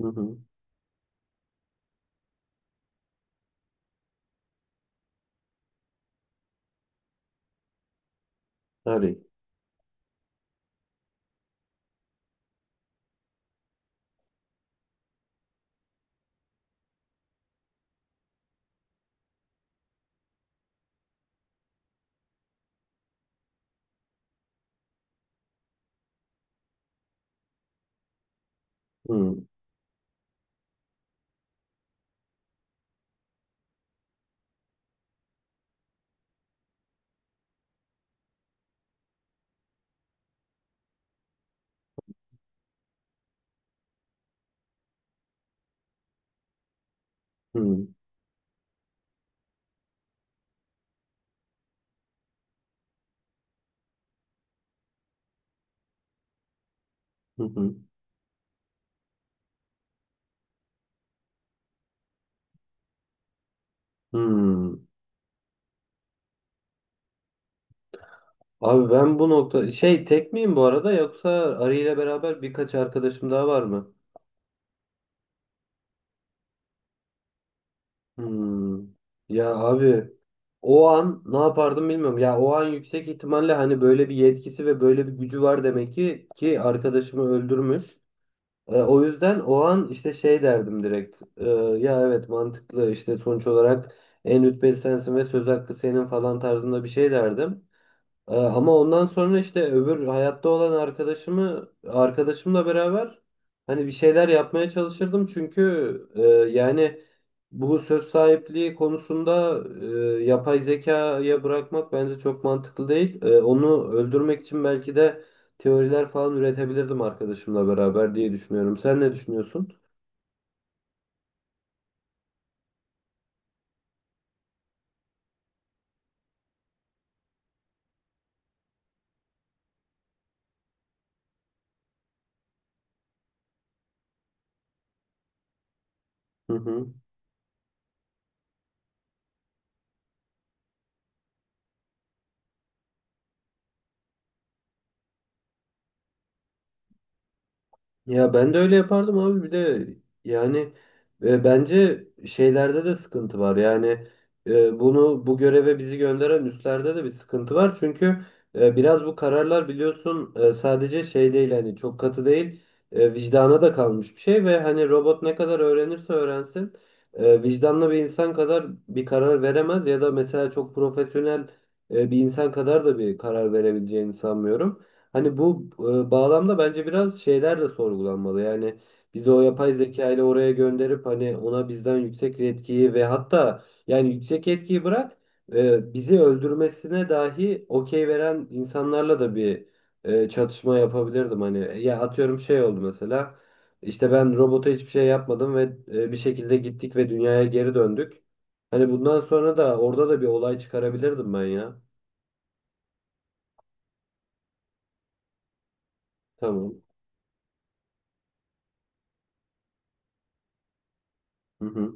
Hı hı. Harry. Hı hı. Hı hı. Hı. Abi ben bu nokta şey tek miyim bu arada yoksa Ari ile beraber birkaç arkadaşım daha var mı? Hmm. Ya abi o an ne yapardım bilmiyorum. Ya o an yüksek ihtimalle hani böyle bir yetkisi ve böyle bir gücü var demek ki arkadaşımı öldürmüş. O yüzden o an işte şey derdim direkt. Ya evet mantıklı işte sonuç olarak en rütbeli sensin ve söz hakkı senin falan tarzında bir şey derdim. Ama ondan sonra işte öbür hayatta olan arkadaşımı arkadaşımla beraber hani bir şeyler yapmaya çalışırdım çünkü e, yani bu söz sahipliği konusunda yapay zekaya bırakmak bence çok mantıklı değil. Onu öldürmek için belki de teoriler falan üretebilirdim arkadaşımla beraber diye düşünüyorum. Sen ne düşünüyorsun? Hı hı. Ya ben de öyle yapardım abi bir de yani bence şeylerde de sıkıntı var. Yani bunu bu göreve bizi gönderen üstlerde de bir sıkıntı var. Çünkü biraz bu kararlar biliyorsun, sadece şey değil, hani çok katı değil, vicdana da kalmış bir şey ve hani robot ne kadar öğrenirse öğrensin vicdanlı bir insan kadar bir karar veremez ya da mesela çok profesyonel bir insan kadar da bir karar verebileceğini sanmıyorum. Hani bu bağlamda bence biraz şeyler de sorgulanmalı. Yani bizi o yapay zeka ile oraya gönderip hani ona bizden yüksek etkiyi ve hatta yani yüksek etkiyi bırak, bizi öldürmesine dahi okey veren insanlarla da bir çatışma yapabilirdim. Hani ya, atıyorum şey oldu mesela, işte ben robota hiçbir şey yapmadım ve bir şekilde gittik ve dünyaya geri döndük. Hani bundan sonra da orada da bir olay çıkarabilirdim ben ya. Tamam. Hı hı.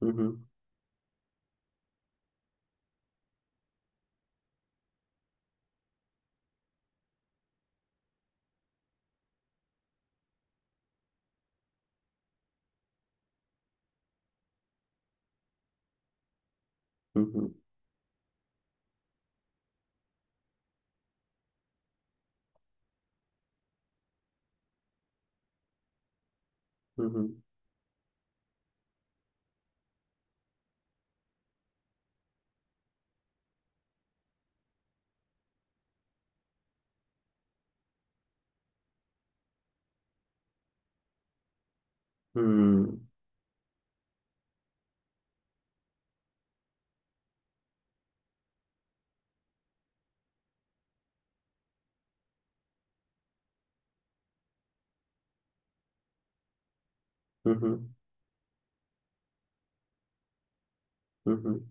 Hı hı. Hı hı. Hı hı. Hmm. Hı hı. Hı hı.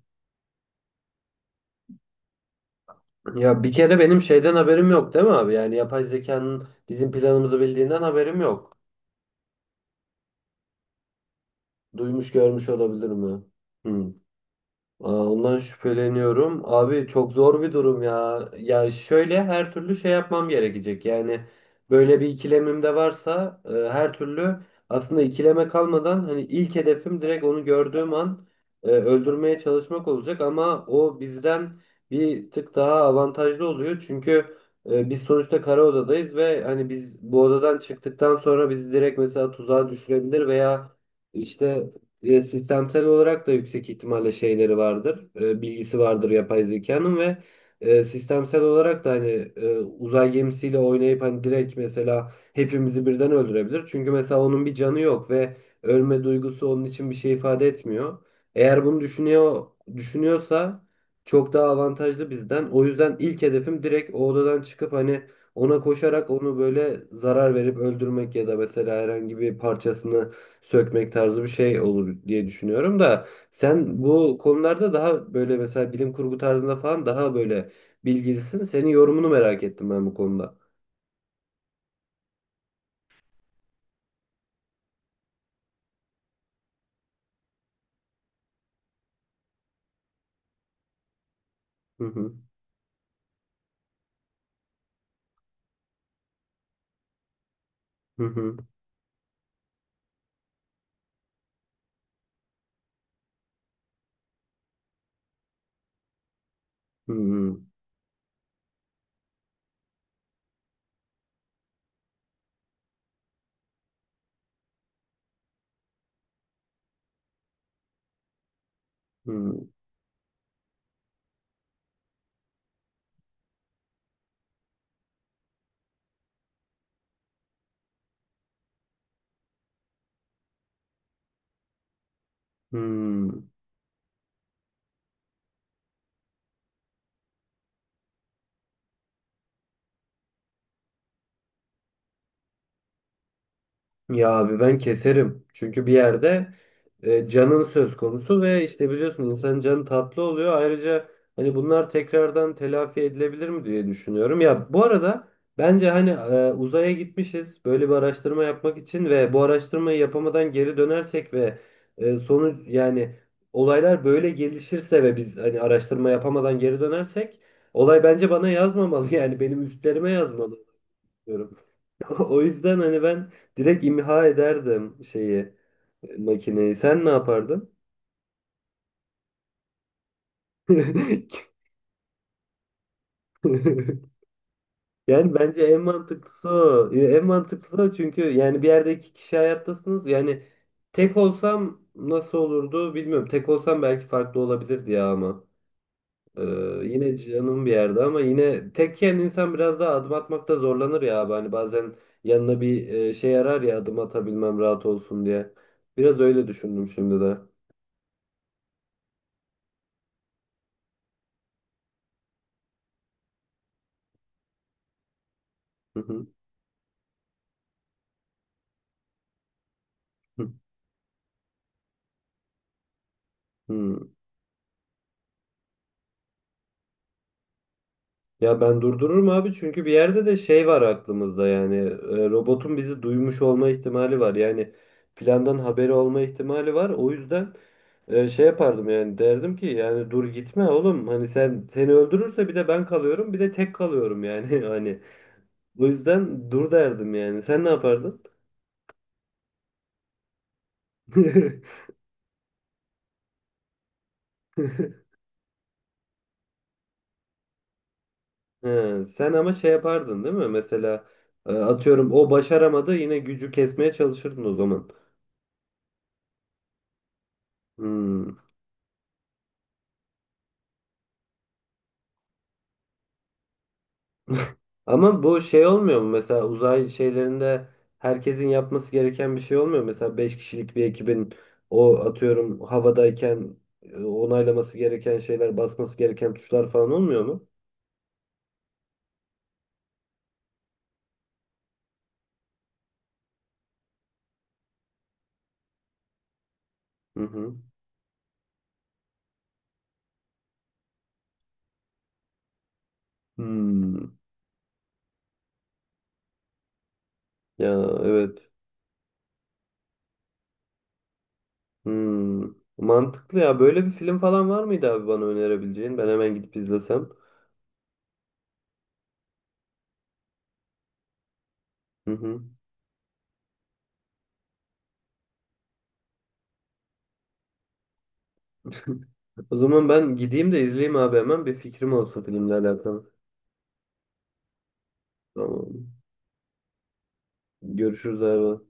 Ya bir kere benim şeyden haberim yok değil mi abi? Yani yapay zekanın bizim planımızı bildiğinden haberim yok. Duymuş görmüş olabilir mi? Hı. Aa, ondan şüpheleniyorum. Abi çok zor bir durum ya. Ya şöyle, her türlü şey yapmam gerekecek. Yani böyle bir ikilemim de varsa, her türlü, aslında ikileme kalmadan, hani ilk hedefim direkt onu gördüğüm an öldürmeye çalışmak olacak ama o bizden bir tık daha avantajlı oluyor. Çünkü biz sonuçta kara odadayız ve hani biz bu odadan çıktıktan sonra bizi direkt mesela tuzağa düşürebilir veya işte sistemsel olarak da yüksek ihtimalle şeyleri vardır, bilgisi vardır yapay zekanın, ve sistemsel olarak da hani uzay gemisiyle oynayıp hani direkt mesela hepimizi birden öldürebilir. Çünkü mesela onun bir canı yok ve ölme duygusu onun için bir şey ifade etmiyor. Eğer bunu düşünüyorsa çok daha avantajlı bizden. O yüzden ilk hedefim direkt o odadan çıkıp hani ona koşarak onu böyle zarar verip öldürmek ya da mesela herhangi bir parçasını sökmek tarzı bir şey olur diye düşünüyorum da sen bu konularda daha böyle, mesela bilim kurgu tarzında falan, daha böyle bilgilisin. Senin yorumunu merak ettim ben bu konuda. Hı hı. Hı hı. Hı hı. Hı hı. Hı. Ya abi ben keserim. Çünkü bir yerde canın söz konusu ve işte biliyorsun, insanın canı tatlı oluyor. Ayrıca hani bunlar tekrardan telafi edilebilir mi diye düşünüyorum. Ya bu arada bence hani uzaya gitmişiz böyle bir araştırma yapmak için ve bu araştırmayı yapamadan geri dönersek ve sonuç, yani olaylar böyle gelişirse ve biz hani araştırma yapamadan geri dönersek, olay bence bana yazmamalı yani benim üstlerime yazmalı diyorum. O yüzden hani ben direkt imha ederdim şeyi, makineyi. Sen ne yapardın? Yani bence en mantıklısı o. Ya en mantıklısı o, çünkü yani bir yerde iki kişi hayattasınız. Yani tek olsam nasıl olurdu bilmiyorum. Tek olsam belki farklı olabilirdi ya ama. Ee, Yine canım bir yerde, ama yine tekken insan biraz daha adım atmakta zorlanır ya abi. Hani bazen yanına bir şey arar ya, adım atabilmem rahat olsun diye. Biraz öyle düşündüm şimdi de. Hı hı. Ya ben durdururum abi, çünkü bir yerde de şey var aklımızda, yani robotun bizi duymuş olma ihtimali var, yani plandan haberi olma ihtimali var. O yüzden şey yapardım, yani derdim ki, yani dur gitme oğlum, hani sen, seni öldürürse bir de ben kalıyorum, bir de tek kalıyorum yani hani o yüzden dur derdim. Yani sen ne yapardın? He, sen ama şey yapardın değil mi mesela, atıyorum o başaramadı, yine gücü kesmeye çalışırdın o zaman. Hmm. Ama bu şey olmuyor mu? Mesela uzay şeylerinde herkesin yapması gereken bir şey olmuyor mu? Mesela 5 kişilik bir ekibin, o atıyorum havadayken onaylaması gereken şeyler, basması gereken tuşlar falan olmuyor mu? Hı hı. Hmm. Ya evet. Hmm. Mantıklı ya. Böyle bir film falan var mıydı abi bana önerebileceğin? Ben hemen gidip izlesem. Hı hı. O zaman ben gideyim de izleyeyim abi, hemen bir fikrim olsun filmle alakalı. Tamam. Görüşürüz abi.